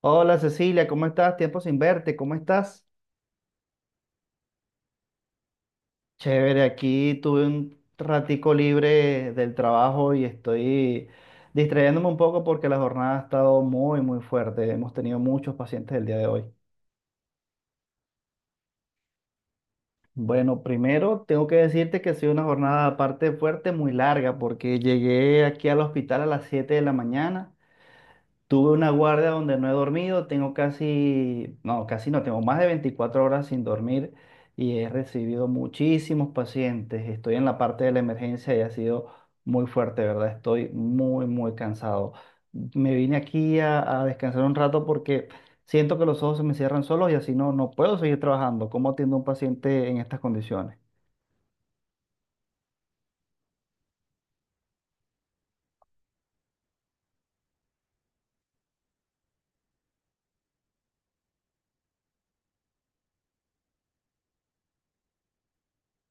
Hola Cecilia, ¿cómo estás? Tiempo sin verte, ¿cómo estás? Chévere, aquí tuve un ratico libre del trabajo y estoy distrayéndome un poco porque la jornada ha estado muy, muy fuerte. Hemos tenido muchos pacientes el día de hoy. Bueno, primero tengo que decirte que ha sido una jornada aparte fuerte, muy larga, porque llegué aquí al hospital a las 7 de la mañana. Tuve una guardia donde no he dormido, tengo casi no, tengo más de 24 horas sin dormir y he recibido muchísimos pacientes. Estoy en la parte de la emergencia y ha sido muy fuerte, ¿verdad? Estoy muy, muy cansado. Me vine aquí a descansar un rato porque siento que los ojos se me cierran solos y así no, no puedo seguir trabajando. ¿Cómo atiendo a un paciente en estas condiciones?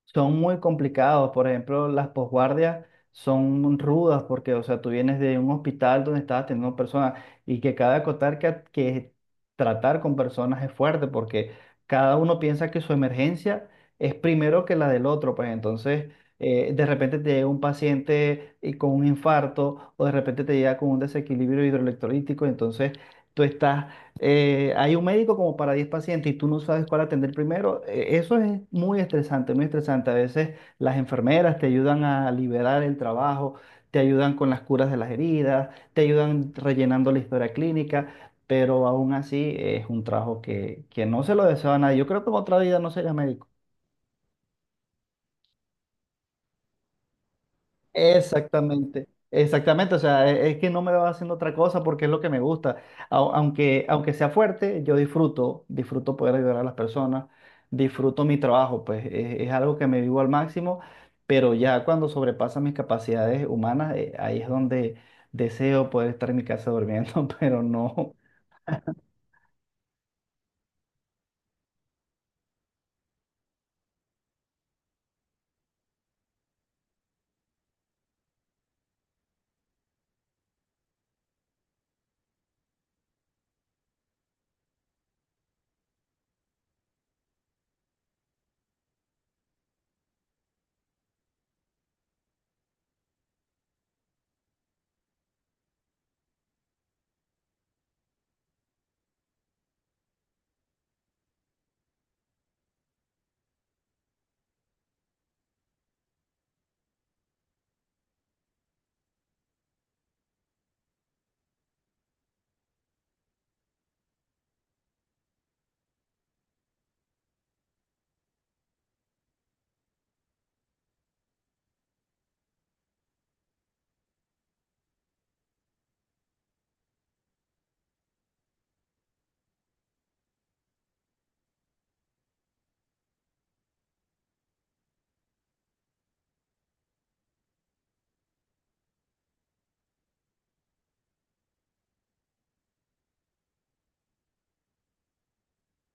Son muy complicados. Por ejemplo, las posguardias son rudas porque, o sea, tú vienes de un hospital donde estabas teniendo personas y que cada acotar que tratar con personas es fuerte porque cada uno piensa que su emergencia es primero que la del otro. Pues entonces, de repente te llega un paciente y con un infarto o de repente te llega con un desequilibrio hidroelectrolítico. Entonces, tú estás hay un médico como para 10 pacientes y tú no sabes cuál atender primero. Eso es muy estresante, muy estresante. A veces las enfermeras te ayudan a liberar el trabajo, te ayudan con las curas de las heridas, te ayudan rellenando la historia clínica, pero aún así es un trabajo que no se lo deseo a nadie. Yo creo que en otra vida no sería médico. Exactamente, exactamente, o sea, es que no me va haciendo otra cosa porque es lo que me gusta. Aunque sea fuerte, yo disfruto, poder ayudar a las personas, disfruto mi trabajo, pues es algo que me vivo al máximo, pero ya cuando sobrepasa mis capacidades humanas, ahí es donde deseo poder estar en mi casa durmiendo, pero no.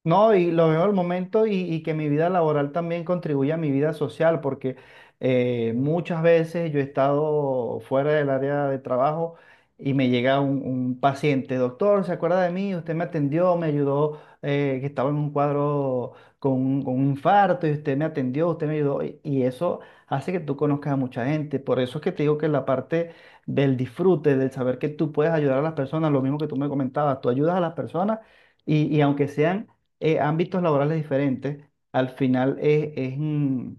No, y lo veo al momento y que mi vida laboral también contribuye a mi vida social, porque muchas veces yo he estado fuera del área de trabajo y me llega un paciente. Doctor, ¿se acuerda de mí? Usted me atendió, me ayudó, que estaba en un cuadro con un infarto, y usted me atendió, usted me ayudó, y eso hace que tú conozcas a mucha gente. Por eso es que te digo que la parte del disfrute, del saber que tú puedes ayudar a las personas, lo mismo que tú me comentabas, tú ayudas a las personas, y aunque sean ámbitos laborales diferentes, al final es,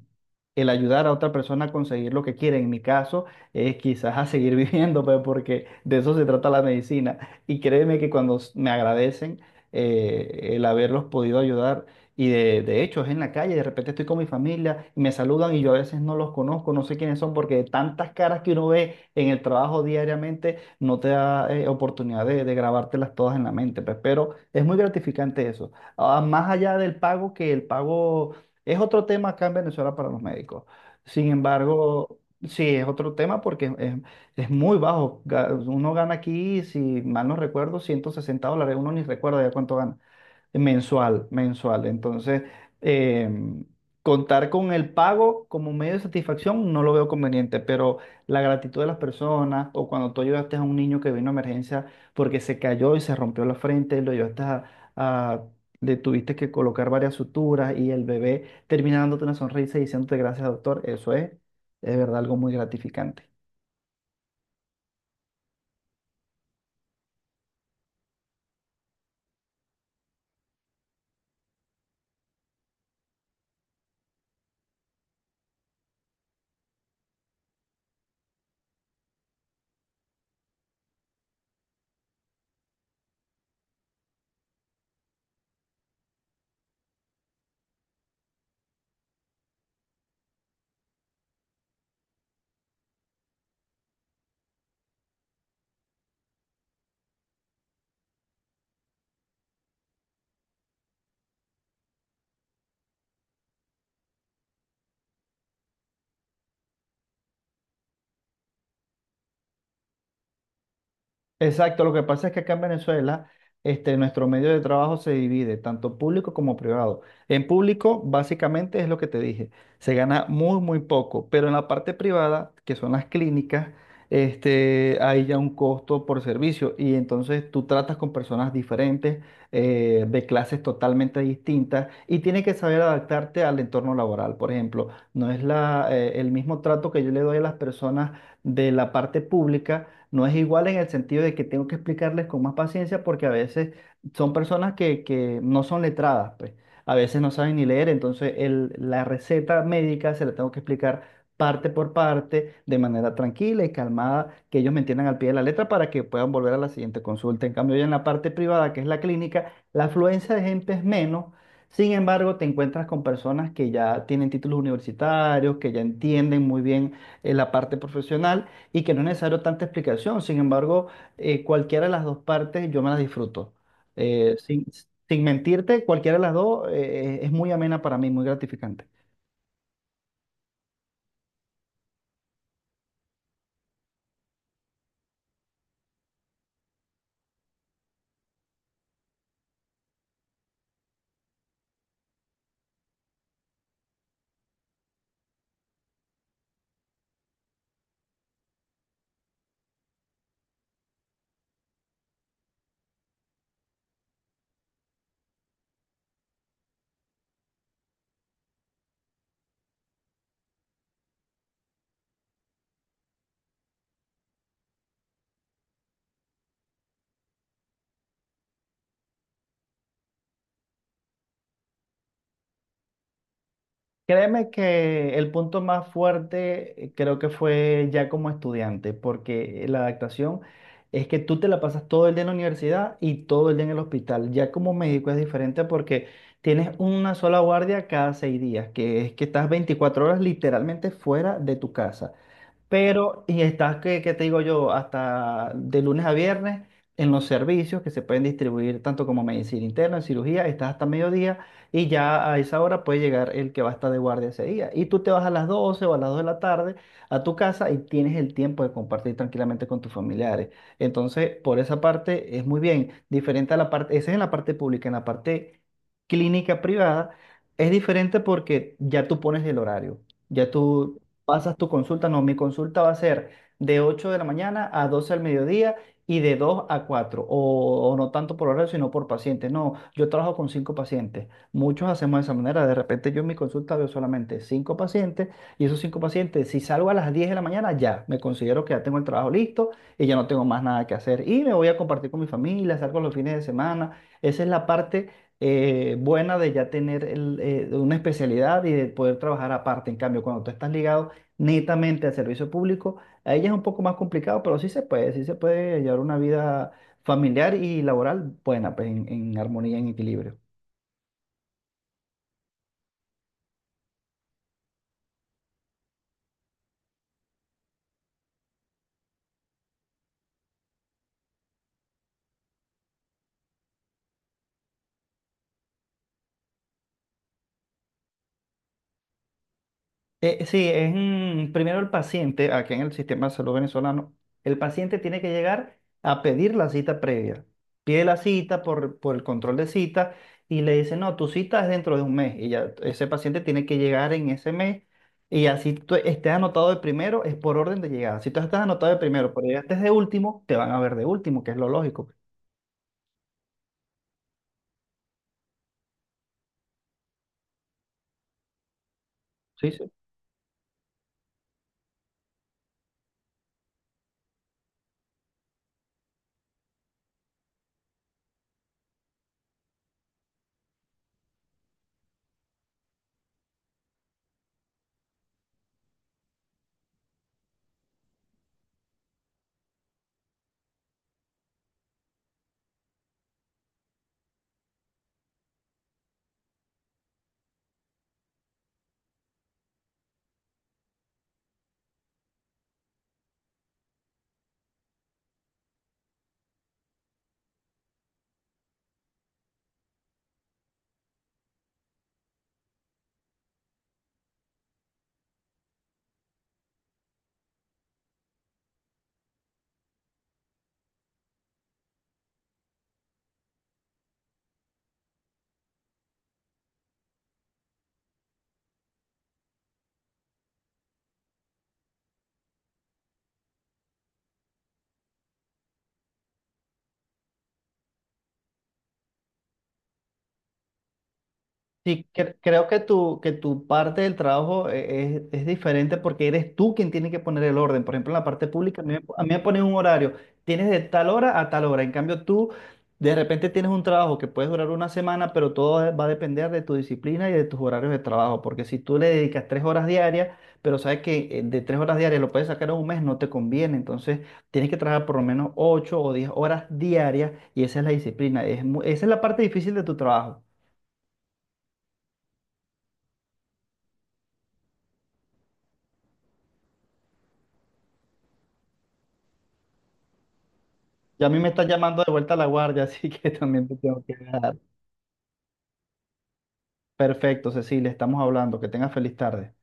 el ayudar a otra persona a conseguir lo que quiere. En mi caso, es quizás a seguir viviendo, pues, porque de eso se trata la medicina. Y créeme que cuando me agradecen el haberlos podido ayudar, y de hecho es en la calle, de repente estoy con mi familia y me saludan y yo a veces no los conozco, no sé quiénes son, porque de tantas caras que uno ve en el trabajo diariamente, no te da oportunidad de grabártelas todas en la mente, pues, pero es muy gratificante eso, ah, más allá del pago, que el pago es otro tema acá en Venezuela para los médicos. Sin embargo, sí, es otro tema porque es muy bajo. Uno gana aquí, si mal no recuerdo, 160 dólares. Uno ni recuerda ya cuánto gana mensual, mensual. Entonces, em, contar con el pago como medio de satisfacción no lo veo conveniente, pero la gratitud de las personas o cuando tú ayudaste a un niño que vino a emergencia porque se cayó y se rompió la frente, lo ayudaste a- le tuviste que colocar varias suturas y el bebé termina dándote una sonrisa y diciéndote gracias, doctor, eso es verdad, algo muy gratificante. Exacto, lo que pasa es que acá en Venezuela, nuestro medio de trabajo se divide tanto público como privado. En público, básicamente es lo que te dije, se gana muy, muy poco, pero en la parte privada, que son las clínicas, hay ya un costo por servicio y entonces tú tratas con personas diferentes, de clases totalmente distintas, y tienes que saber adaptarte al entorno laboral. Por ejemplo, no es el mismo trato que yo le doy a las personas de la parte pública, no es igual, en el sentido de que tengo que explicarles con más paciencia porque a veces son personas que no son letradas, pues. A veces no saben ni leer, entonces la receta médica se la tengo que explicar parte por parte, de manera tranquila y calmada, que ellos me entiendan al pie de la letra para que puedan volver a la siguiente consulta. En cambio, ya en la parte privada, que es la clínica, la afluencia de gente es menos. Sin embargo, te encuentras con personas que ya tienen títulos universitarios, que ya entienden muy bien la parte profesional y que no es necesario tanta explicación. Sin embargo, cualquiera de las dos partes yo me las disfruto. Eh, sin, sin mentirte, cualquiera de las dos es muy amena para mí, muy gratificante. Créeme que el punto más fuerte, creo que fue ya como estudiante, porque la adaptación es que tú te la pasas todo el día en la universidad y todo el día en el hospital. Ya como médico es diferente porque tienes una sola guardia cada 6 días, que es que estás 24 horas literalmente fuera de tu casa. Pero, y está, que te digo yo? Hasta de lunes a viernes, en los servicios que se pueden distribuir tanto como medicina interna, en cirugía, estás hasta mediodía y ya a esa hora puede llegar el que va a estar de guardia ese día. Y tú te vas a las 12 o a las 2 de la tarde a tu casa y tienes el tiempo de compartir tranquilamente con tus familiares. Entonces, por esa parte es muy bien. Diferente a la parte, esa es en la parte pública. En la parte clínica privada es diferente porque ya tú pones el horario. Ya tú pasas tu consulta, no, mi consulta va a ser de 8 de la mañana a 12 al mediodía y de 2 a cuatro, o no tanto por horario, sino por pacientes. No, yo trabajo con 5 pacientes, muchos hacemos de esa manera, de repente yo en mi consulta veo solamente 5 pacientes y esos 5 pacientes, si salgo a las 10 de la mañana, ya me considero que ya tengo el trabajo listo y ya no tengo más nada que hacer y me voy a compartir con mi familia, salgo los fines de semana. Esa es la parte buena de ya tener una especialidad y de poder trabajar aparte. En cambio, cuando tú estás ligado netamente al servicio público, a ella es un poco más complicado, pero sí se puede llevar una vida familiar y laboral buena, pues, en armonía, en equilibrio. Sí, es primero el paciente. Aquí en el sistema de salud venezolano, el paciente tiene que llegar a pedir la cita previa. Pide la cita por el control de cita y le dice, no, tu cita es dentro de un mes. Y ya ese paciente tiene que llegar en ese mes y así tú estés anotado de primero, es por orden de llegada. Si tú estás anotado de primero, pero llegaste de último, te van a ver de último, que es lo lógico. Sí, sí. Sí, creo que que tu parte del trabajo, es diferente porque eres tú quien tiene que poner el orden. Por ejemplo, en la parte pública, a mí me ponen un horario, tienes de tal hora a tal hora. En cambio, tú de repente tienes un trabajo que puede durar una semana, pero todo va a depender de tu disciplina y de tus horarios de trabajo. Porque si tú le dedicas 3 horas diarias, pero sabes que, de 3 horas diarias lo puedes sacar en un mes, no te conviene. Entonces, tienes que trabajar por lo menos 8 o 10 horas diarias y esa es la disciplina. Esa es la parte difícil de tu trabajo. Ya a mí me está llamando de vuelta a la guardia, así que también te tengo que dejar. Perfecto, Cecilia, estamos hablando. Que tengas feliz tarde.